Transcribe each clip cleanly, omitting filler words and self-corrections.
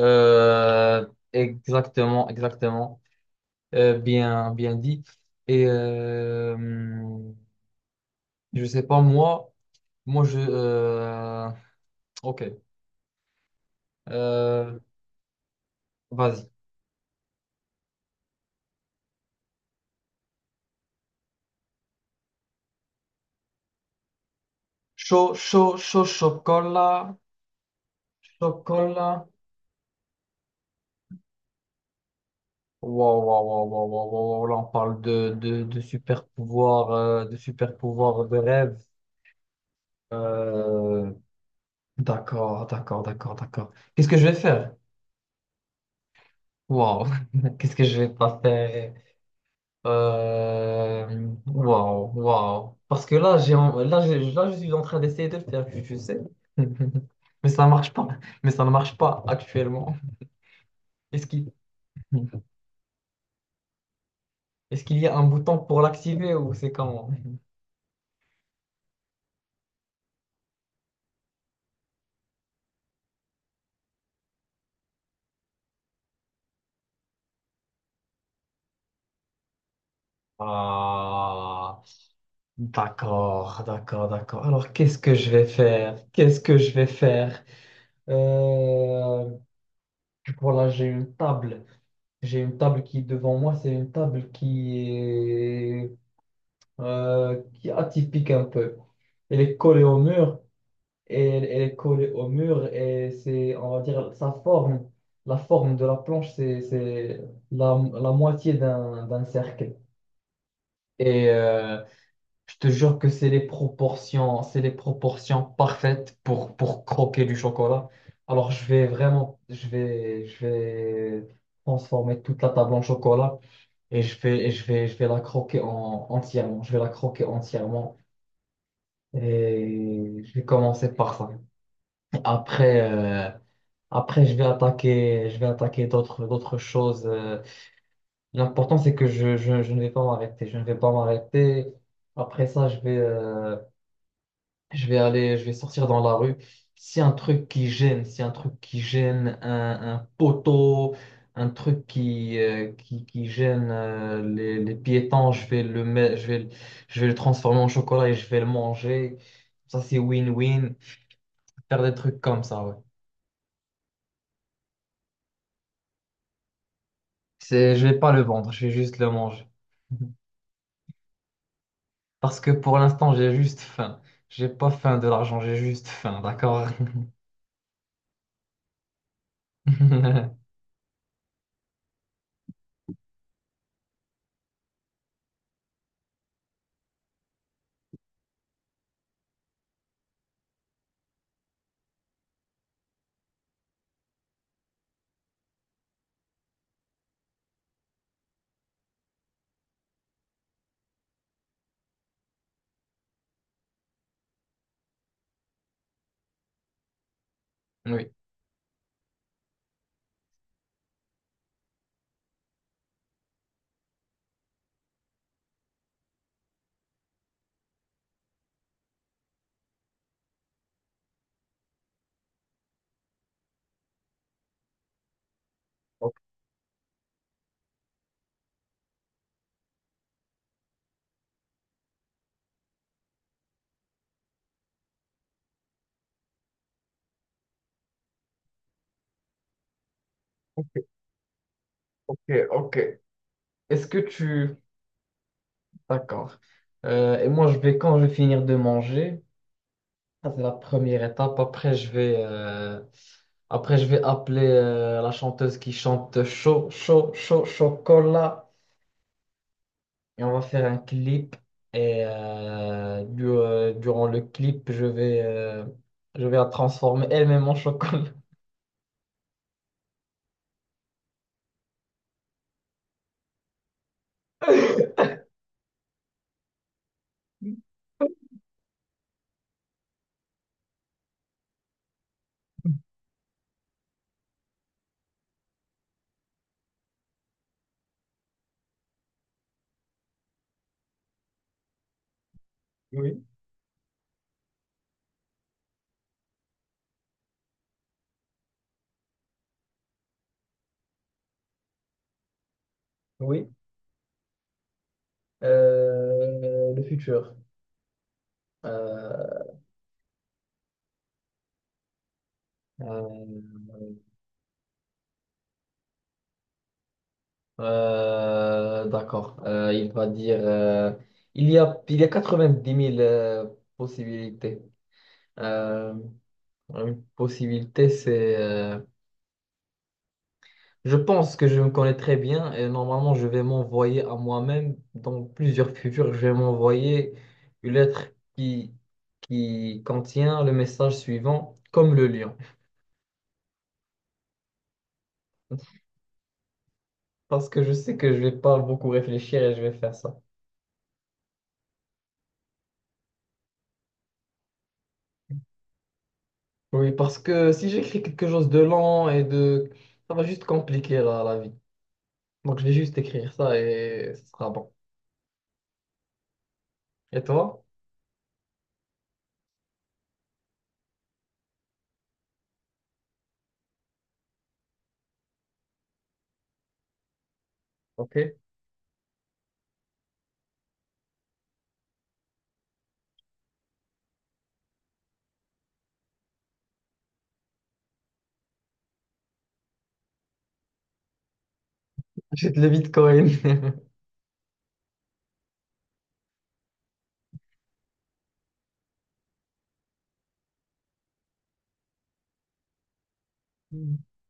Euh, Exactement, exactement. Bien dit. Et euh, je sais pas moi, moi je. Ok. Euh, Vas-y. Chaud, chaud, chaud, chocolat, chocolat. Waouh, waouh, waouh, waouh, waouh, waouh, waouh. Là on parle de super pouvoir, de super pouvoir de rêve. Euh, d'accord, d'accord, d'accord, d'accord. Qu'est-ce que je vais faire? Waouh. Qu'est-ce que je vais pas faire? Waouh, waouh. Parce que là, là, là, je suis en train d'essayer de le faire, tu sais. Mais ça ne marche pas. Mais ça ne marche pas actuellement. Est-ce qu'il est-ce qu'il y a un bouton pour l'activer ou c'est comment? Ah, d'accord, d'accord, d'accord. Alors, qu'est-ce que je vais faire? Qu'est-ce que je vais faire? Euh, voilà, j'ai une table. J'ai une table qui est devant moi. C'est une table qui est atypique un peu. Elle est collée au mur, et elle, elle est collée au mur, et c'est, on va dire, sa forme, la forme de la planche, c'est la moitié d'un cercle. Et euh, je te jure que c'est les proportions parfaites pour croquer du chocolat. Alors je vais vraiment, je vais transformer toute la table en chocolat et je vais la croquer entièrement. Je vais la croquer entièrement. Et je vais commencer par ça. Après, après je vais attaquer d'autres, d'autres choses. L'important, c'est que je ne vais pas m'arrêter. Je ne vais pas m'arrêter. Après ça, je vais sortir dans la rue. Si un truc qui gêne, si un truc qui gêne un poteau, un truc qui qui, gêne les piétons, je vais le transformer en chocolat et je vais le manger. Ça, c'est win-win. Faire des trucs comme ça, ouais. C'est, je vais pas le vendre, je vais juste le manger. Parce que pour l'instant, j'ai juste faim. J'ai pas faim de l'argent, j'ai juste faim, d'accord? Oui. Ok, ok, ok. Est-ce que tu... D'accord. Et moi, je vais, quand je vais finir de manger, ça c'est la première étape. Après, je vais appeler la chanteuse qui chante chaud, chaud, chaud, chocolat. Et on va faire un clip. Durant le clip, je vais la transformer elle-même en chocolat. Oui, oui. Le futur. Euh, euh, d'accord. Il va dire il y a 90 000 possibilités. Euh, une possibilité, c'est je pense que je me connais très bien et normalement je vais m'envoyer à moi-même dans plusieurs futurs, je vais m'envoyer une lettre qui, qui contient le message suivant, comme le lion. Parce que je sais que je vais pas beaucoup réfléchir et je vais faire ça. Oui, parce que si j'écris quelque chose de lent et de... ça va juste compliquer la vie. Donc je vais juste écrire ça et ce sera bon. Et toi? Ok. Achète le Bitcoin.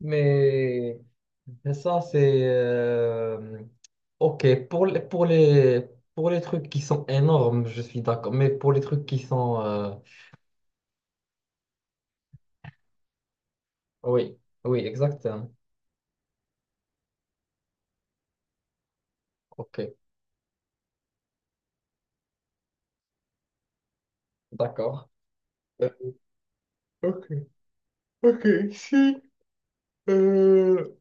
Mais et ça, c'est... Ok, pour les trucs qui sont énormes, je suis d'accord. Mais pour les trucs qui sont... Oui, oui, exactement. Ok, d'accord. Euh, Ok, ok. Si, euh,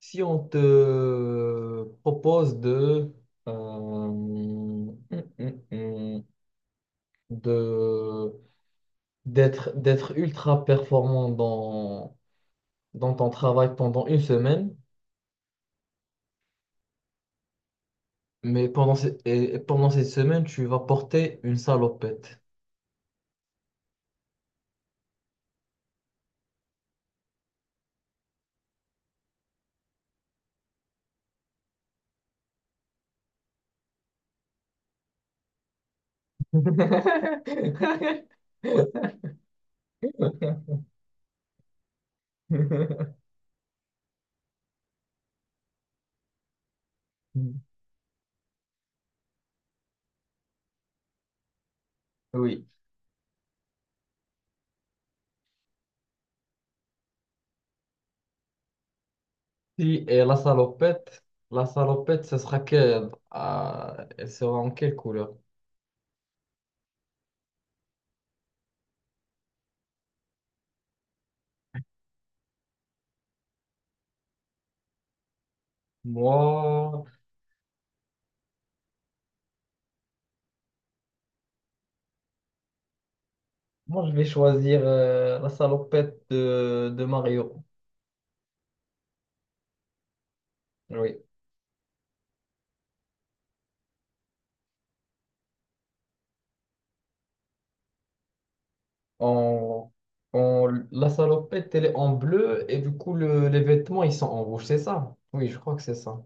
si on te propose euh, hum, hum, hum, de d'être ultra performant dans, dans ton travail pendant une semaine. Mais et pendant cette semaine, tu vas porter une salopette. Oui. Si, et la salopette, ce sera quelle? Ah, elle sera en quelle couleur? Moi, moi je vais choisir la salopette de Mario. Oui. En, en, la salopette, elle est en bleu et du coup, les vêtements, ils sont en rouge, c'est ça? Oui, je crois que c'est ça.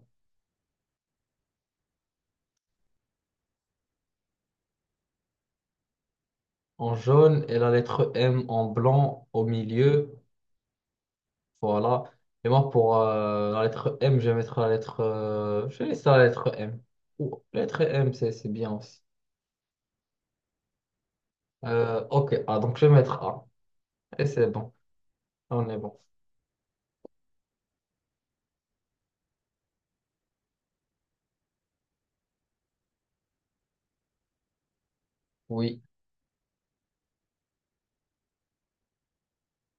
En jaune et la lettre M en blanc au milieu. Voilà. Et moi, pour la lettre M, je vais mettre la lettre. Je vais laisser la lettre M. Ou lettre M, c'est bien aussi. Ok, ah, donc je vais mettre A. Et c'est bon. On est bon. Oui.